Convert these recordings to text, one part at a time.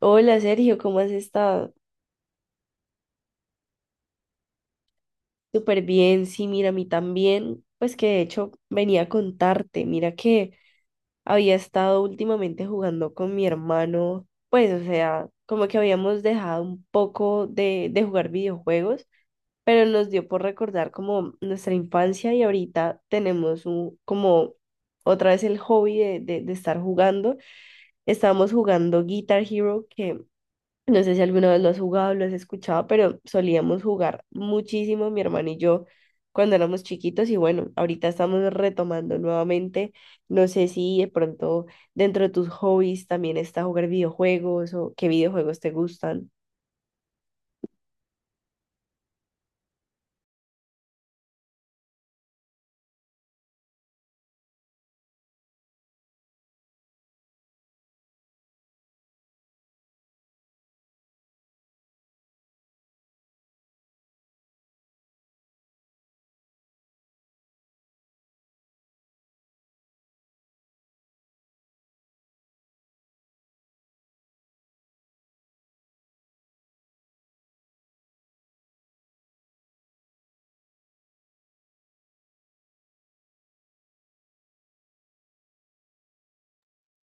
Hola Sergio, ¿cómo has estado? Súper bien, sí, mira, a mí también, pues que de hecho venía a contarte, mira que había estado últimamente jugando con mi hermano, pues o sea, como que habíamos dejado un poco de jugar videojuegos, pero nos dio por recordar como nuestra infancia y ahorita tenemos como otra vez el hobby de estar jugando. Estábamos jugando Guitar Hero. Que No sé si alguna vez lo has jugado, lo has escuchado, pero solíamos jugar muchísimo mi hermano y yo cuando éramos chiquitos y bueno, ahorita estamos retomando nuevamente. No sé si de pronto dentro de tus hobbies también está jugar videojuegos o qué videojuegos te gustan.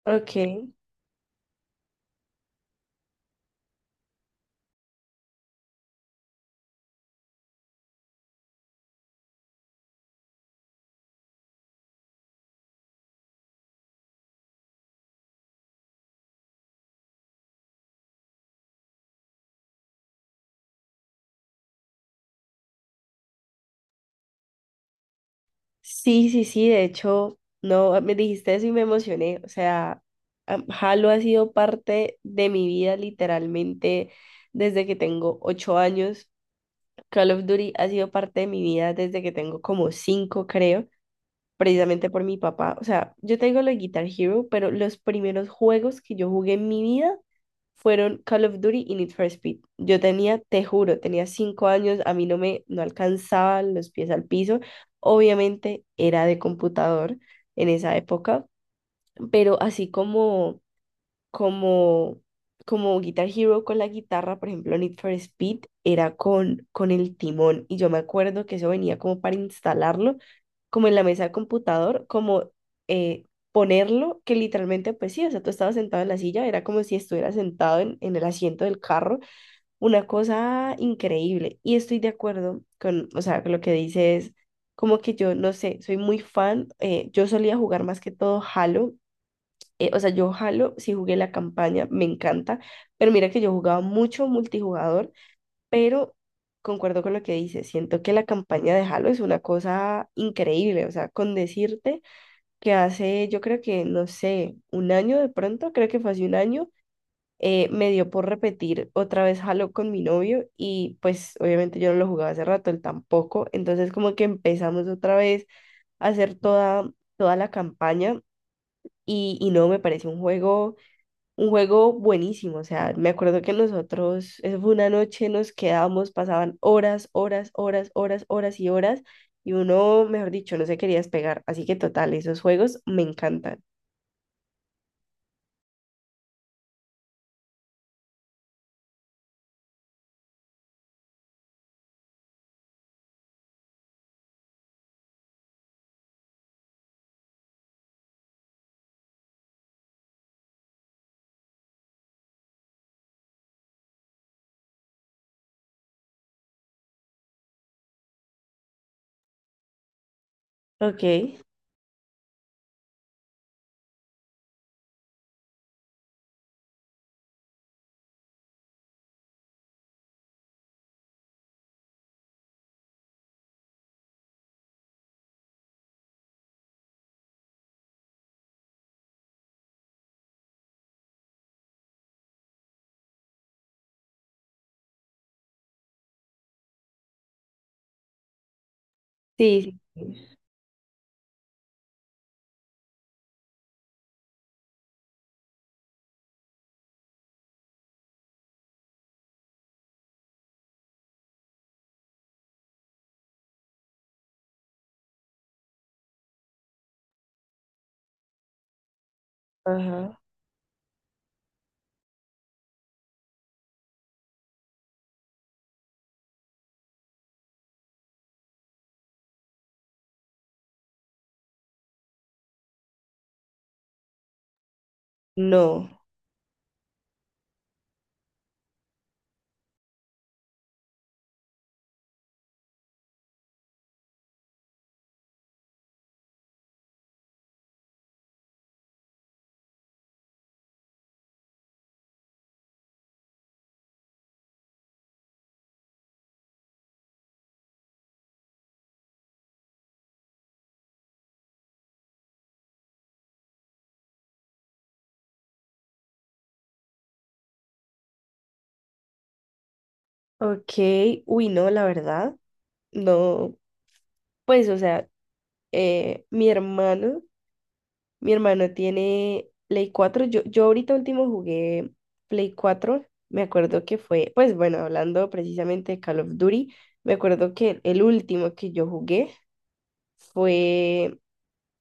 Ok. Sí, sí, sí, de hecho, no, me dijiste eso y me emocioné. O sea, Halo ha sido parte de mi vida literalmente desde que tengo 8 años. Call of Duty ha sido parte de mi vida desde que tengo como cinco, creo, precisamente por mi papá. O sea, yo tengo la Guitar Hero, pero los primeros juegos que yo jugué en mi vida fueron Call of Duty y Need for Speed. Yo tenía, te juro, tenía 5 años, a mí no alcanzaban los pies al piso. Obviamente era de computador en esa época, pero así como, como Guitar Hero con la guitarra, por ejemplo, Need for Speed era con el timón y yo me acuerdo que eso venía como para instalarlo, como en la mesa de computador, como eh, ponerlo, que literalmente, pues sí, o sea, tú estabas sentado en la silla, era como si estuvieras sentado en el asiento del carro, una cosa increíble. Y estoy de acuerdo con, o sea, con lo que dices. Como que yo, no sé, soy muy fan. Yo solía jugar más que todo Halo. O sea, yo Halo sí jugué la campaña, me encanta, pero mira que yo jugaba mucho multijugador, pero concuerdo con lo que dices, siento que la campaña de Halo es una cosa increíble, o sea, con decirte que hace, yo creo que, no sé, un año de pronto, creo que fue hace un año, me dio por repetir otra vez Halo con mi novio y pues obviamente yo no lo jugaba hace rato, él tampoco, entonces como que empezamos otra vez a hacer toda, toda la campaña y no, me parece un juego buenísimo, o sea, me acuerdo que nosotros, eso fue una noche, nos quedábamos, pasaban horas, horas, horas, horas, horas y horas, y uno, mejor dicho, no se quería despegar, así que total, esos juegos me encantan. Ok, sí, sí, sí. Ajá, no, ok, uy, no, la verdad, no, pues, o sea, eh, mi hermano Mi hermano tiene Play 4. Yo ahorita último jugué Play 4. Me acuerdo que fue, pues bueno, hablando precisamente de Call of Duty, me acuerdo que el último que yo jugué fue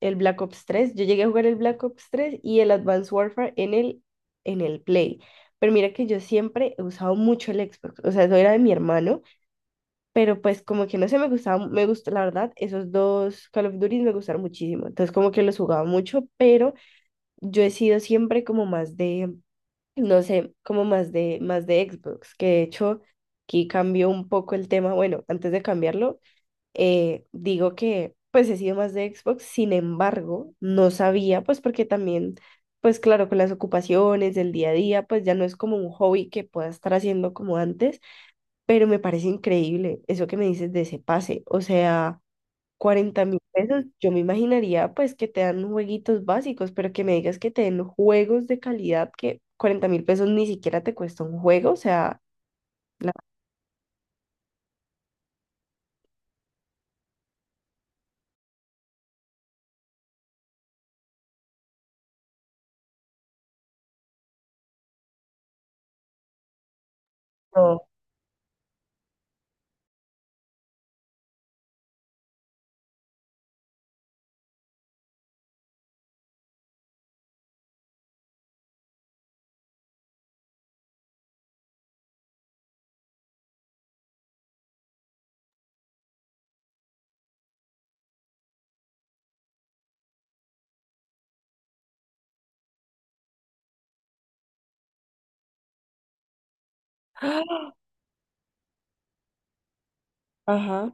el Black Ops 3. Yo llegué a jugar el Black Ops 3 y el Advanced Warfare en el Play. Pero mira que yo siempre he usado mucho el Xbox, o sea, eso era de mi hermano, pero pues como que no sé, me gustaba, me gustó, la verdad, esos dos Call of Duty me gustaron muchísimo, entonces como que los jugaba mucho, pero yo he sido siempre como más de, no sé, como más de Xbox, que de hecho aquí cambió un poco el tema. Bueno, antes de cambiarlo, digo que pues he sido más de Xbox, sin embargo, no sabía, pues porque también, pues claro, con las ocupaciones del día a día, pues ya no es como un hobby que pueda estar haciendo como antes, pero me parece increíble eso que me dices de ese pase, o sea 40.000 pesos, yo me imaginaría pues que te dan jueguitos básicos, pero que me digas que te den juegos de calidad que 40.000 pesos ni siquiera te cuesta un juego, o sea, la- no. Ajá,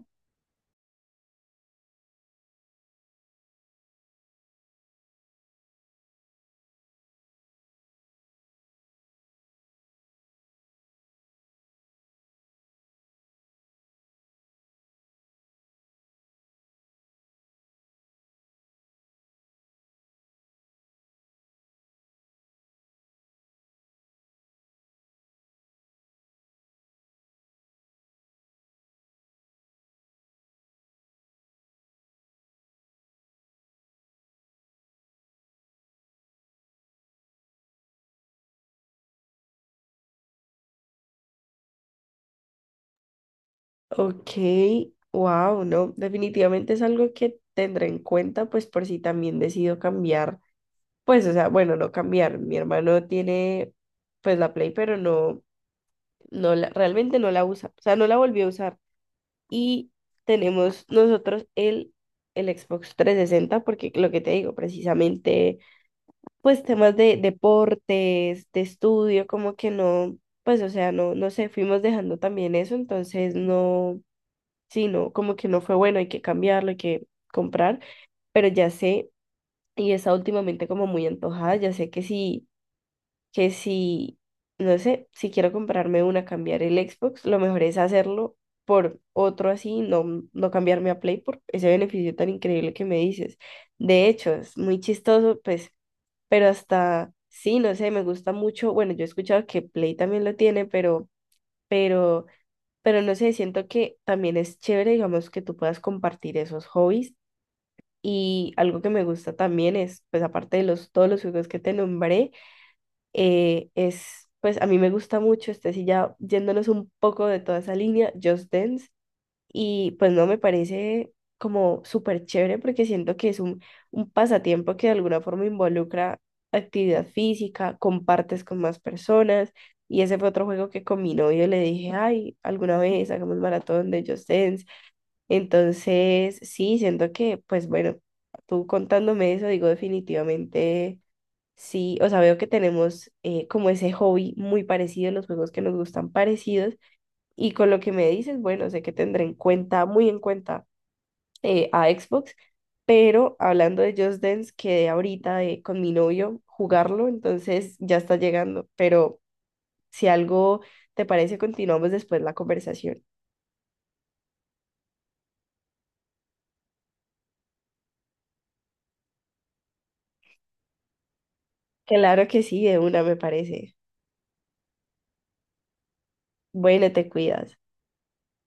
ok, wow, no, definitivamente es algo que tendré en cuenta, pues por si también decido cambiar, pues o sea, bueno, no cambiar, mi hermano tiene pues la Play, pero no, no, realmente no la usa, o sea, no la volvió a usar. Y tenemos nosotros el Xbox 360 porque lo que te digo, precisamente, pues temas de deportes, de estudio, como que no, pues o sea, no, no sé, fuimos dejando también eso, entonces no, sí, no, como que no fue bueno, hay que cambiarlo, hay que comprar, pero ya sé, y está últimamente como muy antojada, ya sé que sí que si, no sé, si quiero comprarme una, cambiar el Xbox, lo mejor es hacerlo por otro así, no, no cambiarme a Play por ese beneficio tan increíble que me dices. De hecho, es muy chistoso, pues, pero hasta, sí, no sé, me gusta mucho, bueno, yo he escuchado que Play también lo tiene, pero, pero no sé, siento que también es chévere, digamos, que tú puedas compartir esos hobbies. Y algo que me gusta también es, pues aparte de todos los juegos que te nombré, es, pues a mí me gusta mucho, este sí ya yéndonos un poco de toda esa línea, Just Dance, y pues no me parece como súper chévere porque siento que es un pasatiempo que de alguna forma involucra actividad física, compartes con más personas, y ese fue otro juego que con mi novio le dije, ay, alguna vez hagamos maratón de Just Dance, entonces sí, siento que, pues bueno, tú contándome eso, digo definitivamente. Sí, o sea, veo que tenemos como ese hobby muy parecido, los juegos que nos gustan parecidos. Y con lo que me dices, bueno, sé que tendré en cuenta, muy en cuenta a Xbox, pero hablando de Just Dance, quedé ahorita con mi novio jugarlo, entonces ya está llegando. Pero si algo te parece, continuamos después la conversación. Claro que sí, de una me parece. Bueno, te cuidas.